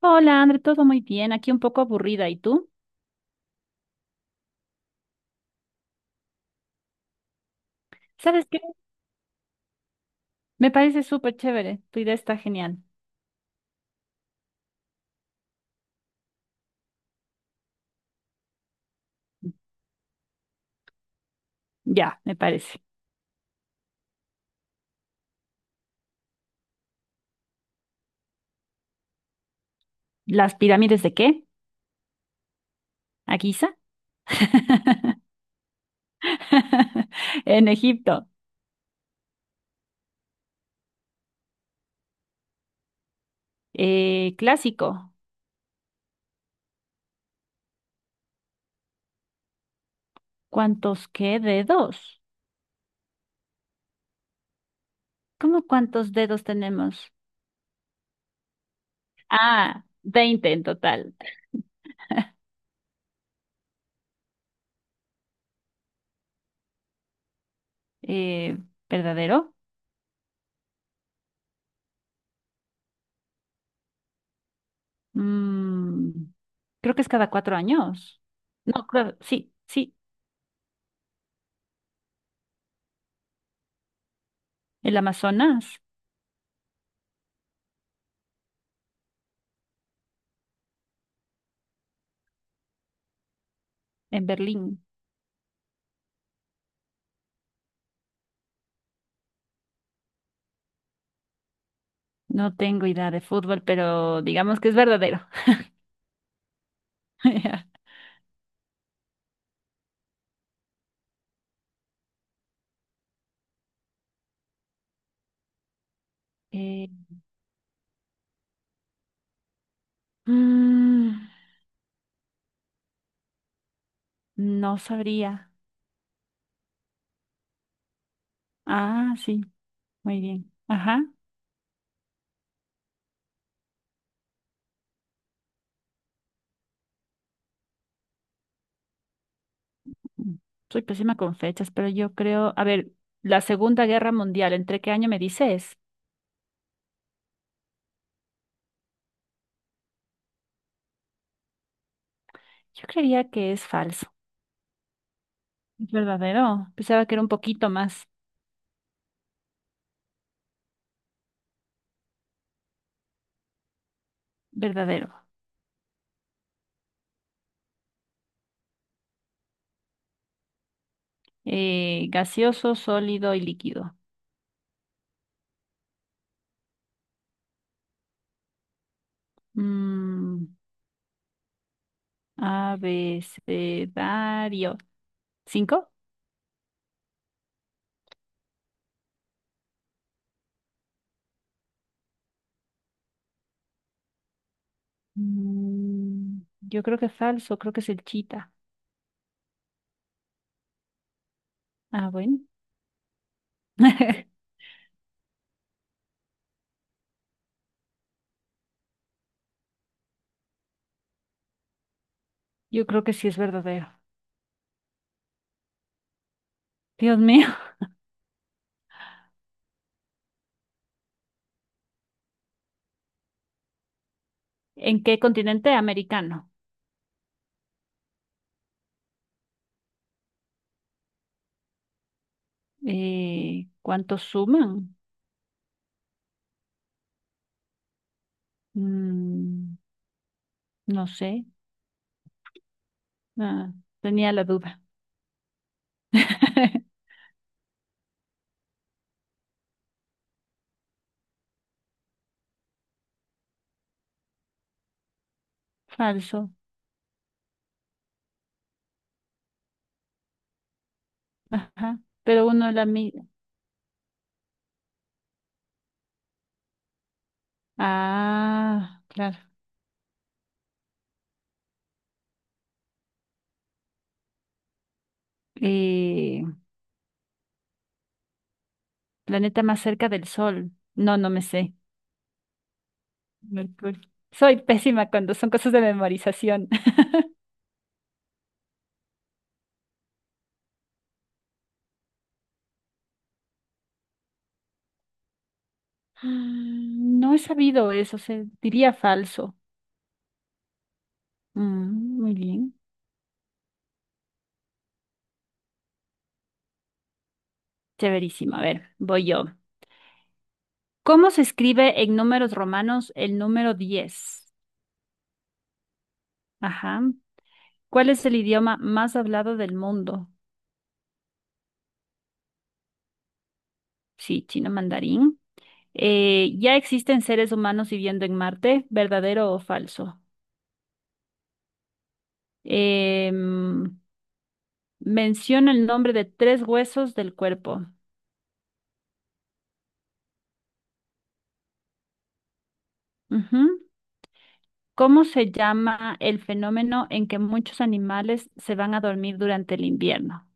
Hola, André, todo muy bien. Aquí un poco aburrida. ¿Y tú? ¿Sabes qué? Me parece súper chévere. Tu idea está genial. Ya, me parece. ¿Las pirámides de qué? ¿A Giza? En Egipto. Clásico. ¿Cuántos qué dedos? ¿Cómo cuántos dedos tenemos? Ah, 20 en total. Eh, ¿verdadero? Mm, creo que es cada 4 años. No, creo, sí, sí. El Amazonas, en Berlín. No tengo idea de fútbol, pero digamos que es verdadero. Eh, mm, no sabría. Ah, sí, muy bien. Ajá. Mm, Soy pésima con fechas, pero yo creo, a ver, la Segunda Guerra Mundial, ¿entre qué año me dices? Yo creía que es falso. ¿Es verdadero? Pensaba que era un poquito más verdadero. Gaseoso, sólido y líquido. Mm, abecedario. ¿Cinco? Yo creo que es falso, creo que es el chita. Ah, bueno. Yo creo que sí es verdadero. Dios mío. ¿En qué continente americano? ¿Cuántos suman? Mm, no sé. Ah, tenía la duda. Falso. Ajá. Pero uno la mira. Ah, claro. Eh, planeta más cerca del Sol. No, no me sé. Mercurio. Soy pésima cuando son cosas de memorización. No he sabido eso, se diría falso. Mm, muy bien. Severísimo. A ver, voy yo. ¿Cómo se escribe en números romanos el número 10? Ajá. ¿Cuál es el idioma más hablado del mundo? Sí, chino mandarín. ¿Ya existen seres humanos viviendo en Marte? ¿Verdadero o falso? Em, menciona el nombre de tres huesos del cuerpo. Ujú. ¿Cómo se llama el fenómeno en que muchos animales se van a dormir durante el invierno?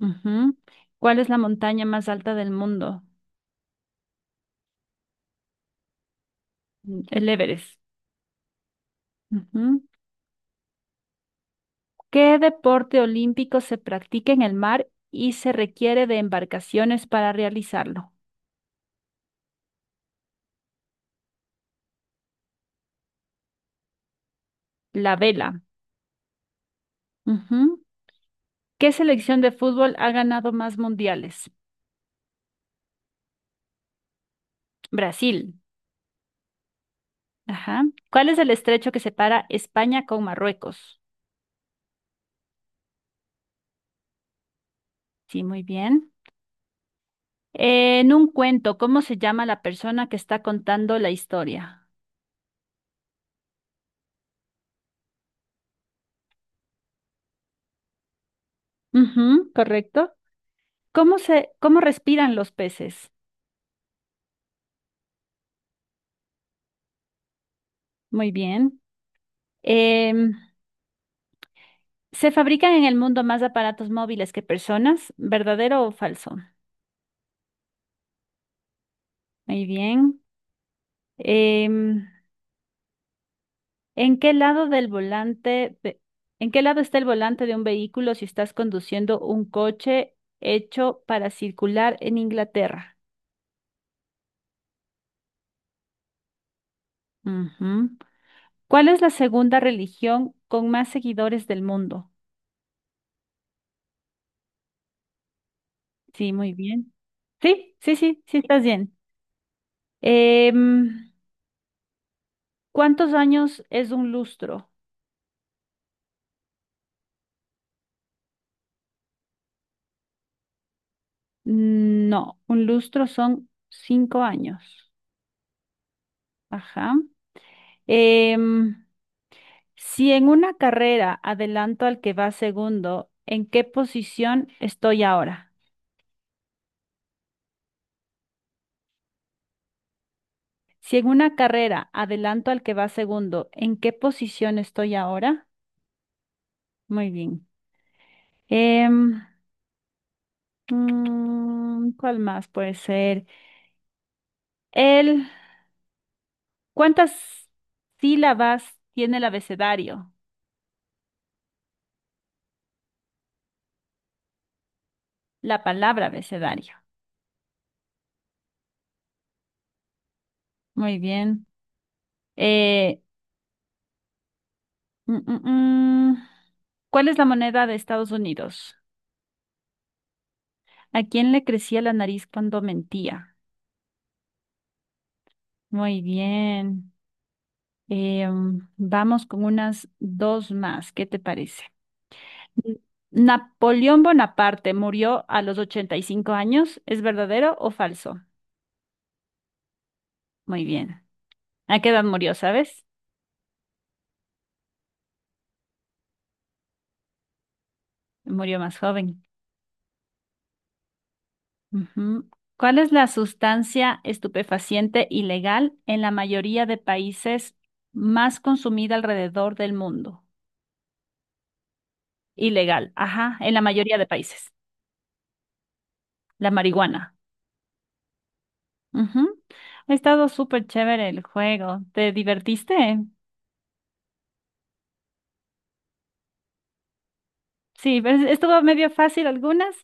Ujú. ¿Cuál es la montaña más alta del mundo? El Everest. Ujú. ¿Qué deporte olímpico se practica en el mar y se requiere de embarcaciones para realizarlo? La vela. Ujú. ¿Qué selección de fútbol ha ganado más mundiales? Brasil. Ajá. ¿Cuál es el estrecho que separa España con Marruecos? Sí, muy bien. En un cuento, ¿cómo se llama la persona que está contando la historia? Ujú, correcto. ¿Cómo respiran los peces? Muy bien. Em, ¿se fabrican en el mundo más aparatos móviles que personas? ¿Verdadero o falso? Muy bien. Em, ¿en qué lado del volante, en qué lado está el volante de un vehículo si estás conduciendo un coche hecho para circular en Inglaterra? Ujú. ¿Cuál es la segunda religión con más seguidores del mundo? Sí, muy bien. Sí, sí, sí, sí, estás bien. Em, ¿cuántos años es un lustro? No, un lustro son 5 años. Ajá. Em, si en una carrera adelanto al que va segundo, ¿en qué posición estoy ahora? Si en una carrera adelanto al que va segundo, ¿en qué posición estoy ahora? Muy bien. Em, ¿cuál más puede ser? El, ¿cuántas sílabas tiene el abecedario? La palabra abecedario. Muy bien. Eh, mm, mm, mm. ¿Cuál es la moneda de Estados Unidos? ¿A quién le crecía la nariz cuando mentía? Muy bien. Vamos con unas dos más. ¿Qué te parece? N- Napoleón Bonaparte murió a los 85 años. ¿Es verdadero o falso? Muy bien. ¿A qué edad murió, sabes? Murió más joven. Ujú. ¿Cuál es la sustancia estupefaciente ilegal en la mayoría de países más consumida alrededor del mundo? Ilegal, ajá, en la mayoría de países. La marihuana. Ujú. Ha estado súper chévere el juego. ¿Te divertiste? Sí, pues, estuvo medio fácil algunas,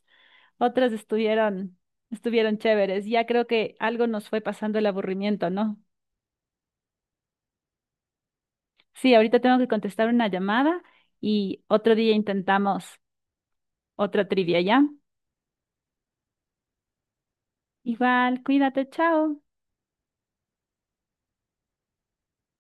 otras estuvieron chéveres. Ya creo que algo nos fue pasando el aburrimiento, ¿no? Sí, ahorita tengo que contestar una llamada y otro día intentamos otra trivia, ¿ya? Igual, cuídate, chao.